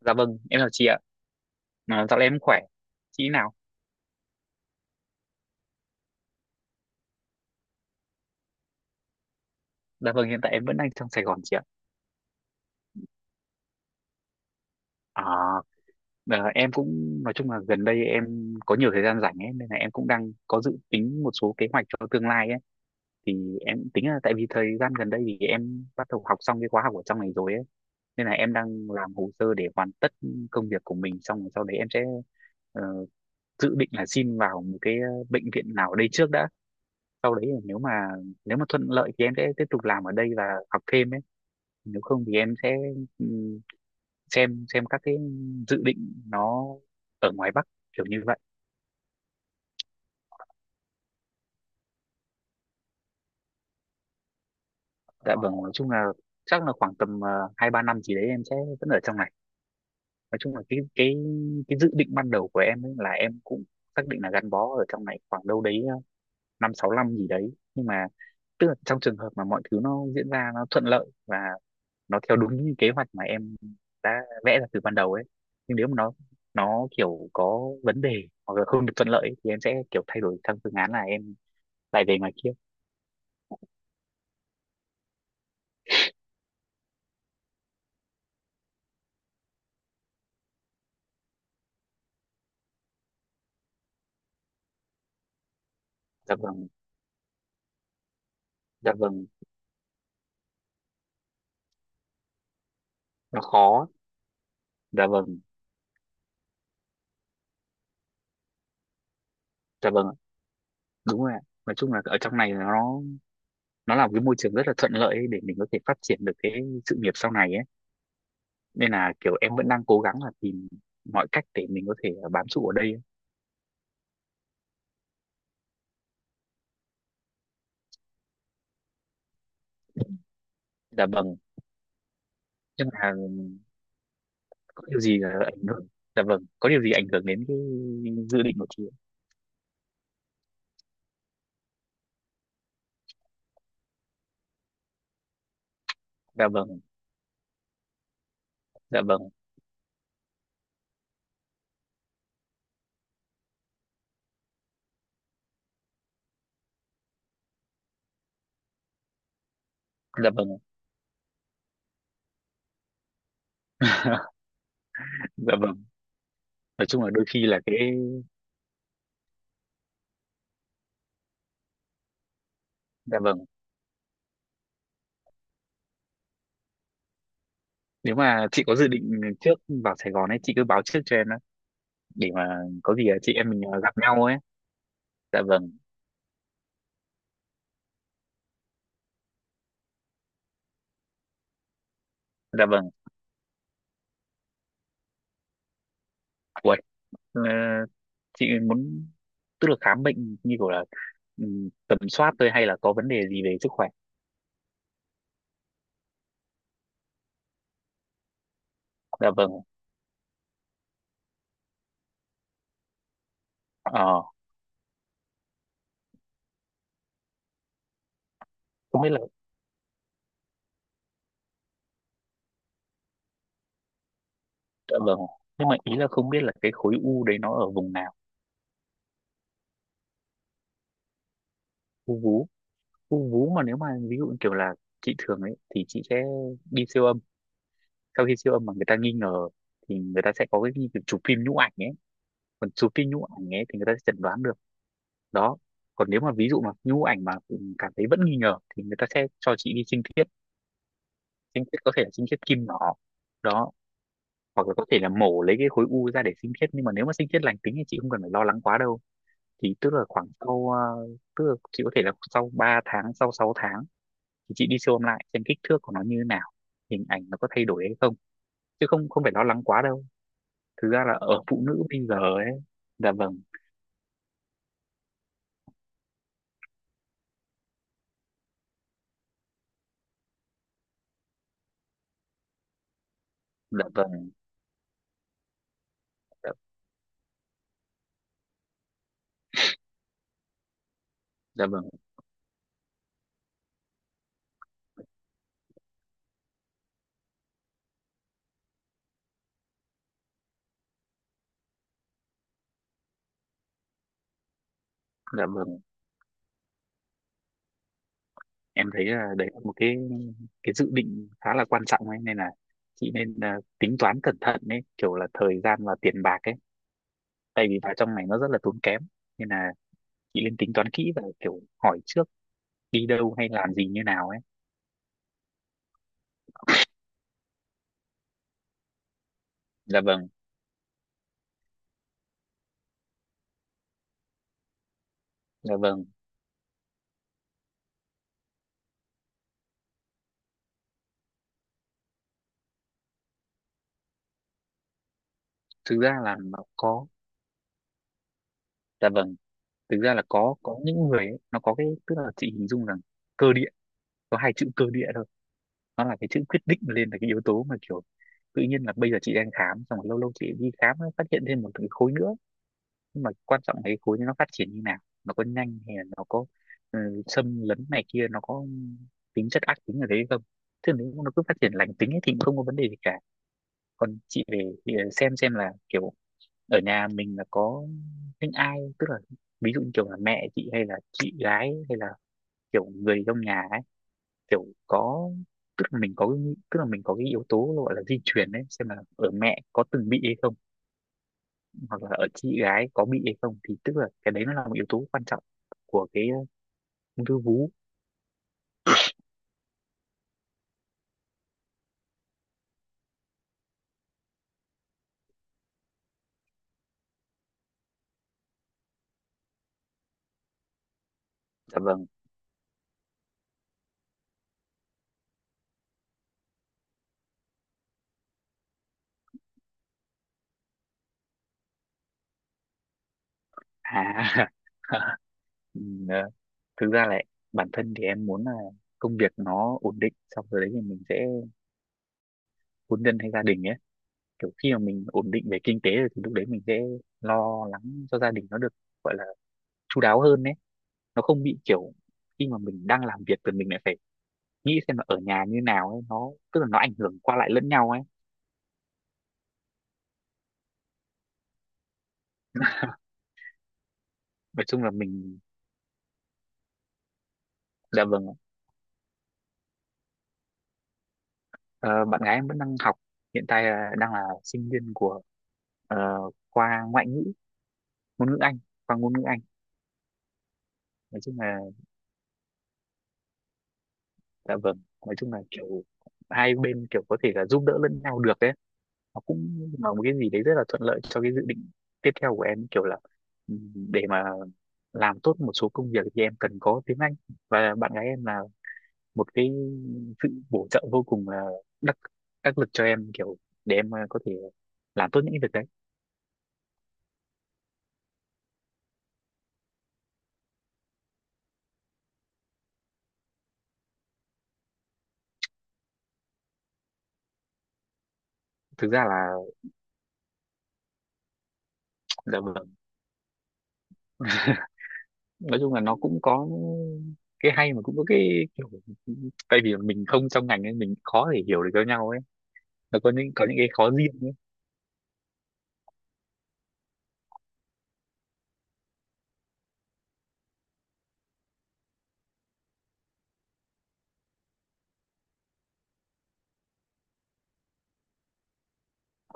Dạ vâng, em chào chị ạ. À, dạo này em khỏe. Chị nào? Dạ vâng, hiện tại em vẫn đang trong Sài Gòn chị ạ. À, ờ, em cũng nói chung là gần đây em có nhiều thời gian rảnh ấy, nên là em cũng đang có dự tính một số kế hoạch cho tương lai ấy. Thì em tính là tại vì thời gian gần đây thì em bắt đầu học xong cái khóa học ở trong này rồi ấy. Nên là em đang làm hồ sơ để hoàn tất công việc của mình xong rồi sau đấy em sẽ ờ, dự định là xin vào một cái bệnh viện nào ở đây trước đã. Sau đấy là nếu mà thuận lợi thì em sẽ tiếp tục làm ở đây và học thêm ấy, nếu không thì em sẽ ừm, xem các cái dự định nó ở ngoài Bắc kiểu như vậy. Dạ vâng, nói chung là chắc là khoảng tầm 2-3 năm gì đấy em sẽ vẫn ở trong này. Nói chung là cái dự định ban đầu của em ấy là em cũng xác định là gắn bó ở trong này khoảng đâu đấy 5-6 năm gì đấy, nhưng mà tức là trong trường hợp mà mọi thứ nó diễn ra nó thuận lợi và nó theo đúng như kế hoạch mà em đã vẽ ra từ ban đầu ấy, nhưng nếu mà nó kiểu có vấn đề hoặc là không được thuận lợi ấy, thì em sẽ kiểu thay đổi sang phương án là em lại về ngoài kia. Dạ vâng. Dạ vâng. Nó khó. Dạ vâng. Dạ vâng ạ. Đúng rồi ạ. Nói chung là ở trong này nó là một cái môi trường rất là thuận lợi ấy để mình có thể phát triển được cái sự nghiệp sau này ấy, nên là kiểu em vẫn đang cố gắng là tìm mọi cách để mình có thể bám trụ ở đây ấy. Dạ vâng, nhưng mà có điều gì ảnh hưởng. Dạ vâng, có điều gì ảnh hưởng đến cái dự định của chị ạ? Dạ vâng. Dạ vâng. Dạ vâng. Dạ vâng, nói chung là đôi khi là cái. Dạ vâng, nếu mà chị có dự định trước vào Sài Gòn ấy chị cứ báo trước cho em đó, để mà có gì là chị em mình gặp nhau ấy. Dạ vâng. Dạ vâng. Uầy, ờ, chị muốn, tức là khám bệnh như kiểu là tầm soát thôi hay là có vấn đề gì về sức khỏe. Dạ vâng. Ờ không biết là. Dạ vâng, nhưng mà ý là không biết là cái khối u đấy nó ở vùng nào. U vú. U vú mà nếu mà ví dụ như kiểu là chị thường ấy thì chị sẽ đi siêu âm, sau khi siêu âm mà người ta nghi ngờ thì người ta sẽ có cái như kiểu chụp phim nhũ ảnh ấy. Còn chụp phim nhũ ảnh ấy thì người ta sẽ chẩn đoán được đó. Còn nếu mà ví dụ mà nhũ ảnh mà cảm thấy vẫn nghi ngờ thì người ta sẽ cho chị đi sinh thiết. Sinh thiết có thể là sinh thiết kim nhỏ đó, hoặc là có thể là mổ lấy cái khối u ra để sinh thiết, nhưng mà nếu mà sinh thiết lành tính thì chị không cần phải lo lắng quá đâu. Thì tức là khoảng sau tức là chị có thể là sau 3 tháng sau 6 tháng thì chị đi siêu âm lại xem kích thước của nó như thế nào, hình ảnh nó có thay đổi hay không, chứ không không phải lo lắng quá đâu. Thực ra là ở phụ nữ bây giờ ấy. Dạ vâng. Dạ vâng. Dạ, dạ vâng. Dạ vâng. Em thấy là đấy là một cái dự định khá là quan trọng ấy, nên là chị nên tính toán cẩn thận ấy kiểu là thời gian và tiền bạc ấy, tại vì vào trong này nó rất là tốn kém, nên là chị nên tính toán kỹ và kiểu hỏi trước đi đâu hay làm gì như nào ấy. Dạ vâng. Dạ vâng, thực ra là nó có. Dạ vâng, thực ra là có những người ấy, nó có cái, tức là chị hình dung rằng cơ địa, có hai chữ cơ địa thôi, nó là cái chữ quyết định lên là cái yếu tố mà kiểu tự nhiên là bây giờ chị đang khám xong rồi lâu lâu chị đi khám ấy, phát hiện thêm một cái khối nữa, nhưng mà quan trọng là cái khối này nó phát triển như nào, nó có nhanh hay là nó có xâm lấn này kia, nó có tính chất ác tính ở đấy không, chứ nếu nó cứ phát triển lành tính ấy thì cũng không có vấn đề gì cả. Còn chị về thì xem là kiểu ở nhà mình là có những ai, tức là ví dụ như kiểu là mẹ chị hay là chị gái hay là kiểu người trong nhà ấy, kiểu có, tức là mình có tức là mình có cái yếu tố gọi là di truyền đấy, xem là ở mẹ có từng bị hay không, hoặc là ở chị gái có bị hay không, thì tức là cái đấy nó là một yếu tố quan trọng của cái ung thư vú. Dạ vâng. À. ừ, ờ, thực ra là bản thân thì em muốn là công việc nó ổn định xong rồi đấy thì mình sẽ hôn nhân hay gia đình ấy, kiểu khi mà mình ổn định về kinh tế rồi thì lúc đấy mình sẽ lo lắng cho gia đình nó được, gọi là chu đáo hơn ấy, nó không bị kiểu khi mà mình đang làm việc thì mình lại phải nghĩ xem là ở nhà như nào ấy, nó tức là nó ảnh hưởng qua lại lẫn nhau ấy. Nói chung là mình. Dạ vâng ạ. Ờ, bạn gái em vẫn đang học, hiện tại là đang là sinh viên của ờ, khoa ngoại ngữ, ngôn ngữ Anh, khoa ngôn ngữ Anh. Nói chung là. Dạ vâng, nói chung là kiểu hai bên kiểu có thể là giúp đỡ lẫn nhau được ấy, nó cũng là một cái gì đấy rất là thuận lợi cho cái dự định tiếp theo của em, kiểu là để mà làm tốt một số công việc thì em cần có tiếng Anh, và bạn gái em là một cái sự bổ trợ vô cùng là đắc đắc lực cho em, kiểu để em có thể làm tốt những cái việc đấy. Thực ra là. Dạ vâng, nói chung là nó cũng có cái hay mà cũng có cái kiểu tại vì mình không trong ngành nên mình khó để hiểu được cho nhau ấy, nó có những cái khó riêng.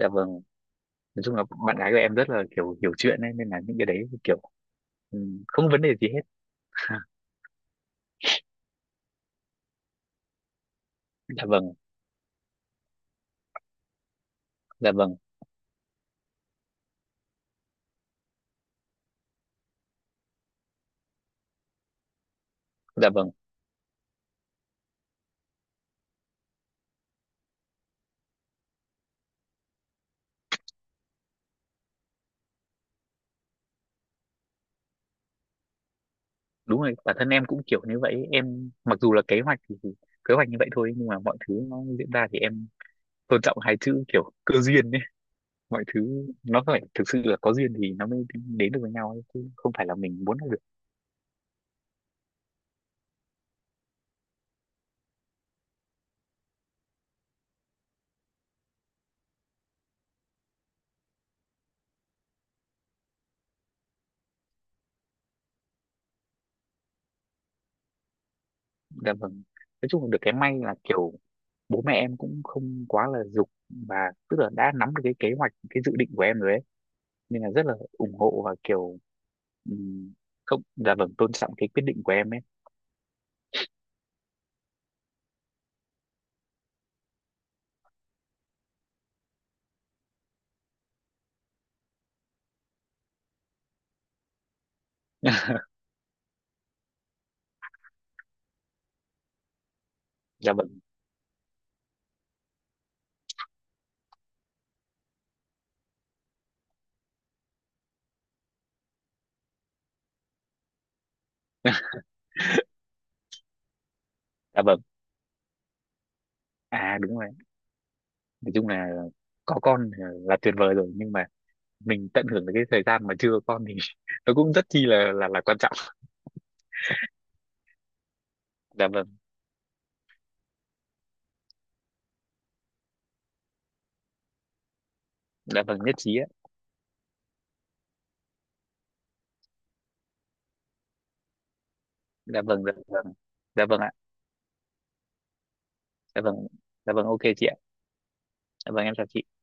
Dạ vâng, nói chung là bạn gái của em rất là kiểu hiểu chuyện ấy, nên là những cái đấy kiểu ừ, không có vấn đề gì hết. Dạ vâng. Dạ vâng. Dạ vâng, đúng rồi, bản thân em cũng kiểu như vậy ấy. Em mặc dù là kế hoạch thì kế hoạch như vậy thôi, nhưng mà mọi thứ nó diễn ra thì em tôn trọng hai chữ kiểu cơ duyên ấy, mọi thứ nó phải thực sự là có duyên thì nó mới đến được với nhau ấy, chứ không phải là mình muốn là được. Dạ vâng, nói chung là được cái may là kiểu bố mẹ em cũng không quá là giục, và tức là đã nắm được cái kế hoạch, cái dự định của em rồi ấy, nên là rất là ủng hộ và kiểu Ừm, không, dạ vâng, tôn trọng cái quyết định của em ấy. Dạ vâng. Dạ vâng. À đúng rồi, nói chung là có con là tuyệt vời rồi, nhưng mà mình tận hưởng được cái thời gian mà chưa có con thì nó cũng rất chi là quan trọng. Dạ vâng. Dạ vâng nhất trí ạ. Dạ vâng. Dạ vâng. Dạ vâng ạ. Dạ vâng. Dạ vâng ok chị ạ. Dạ vâng, em chào chị.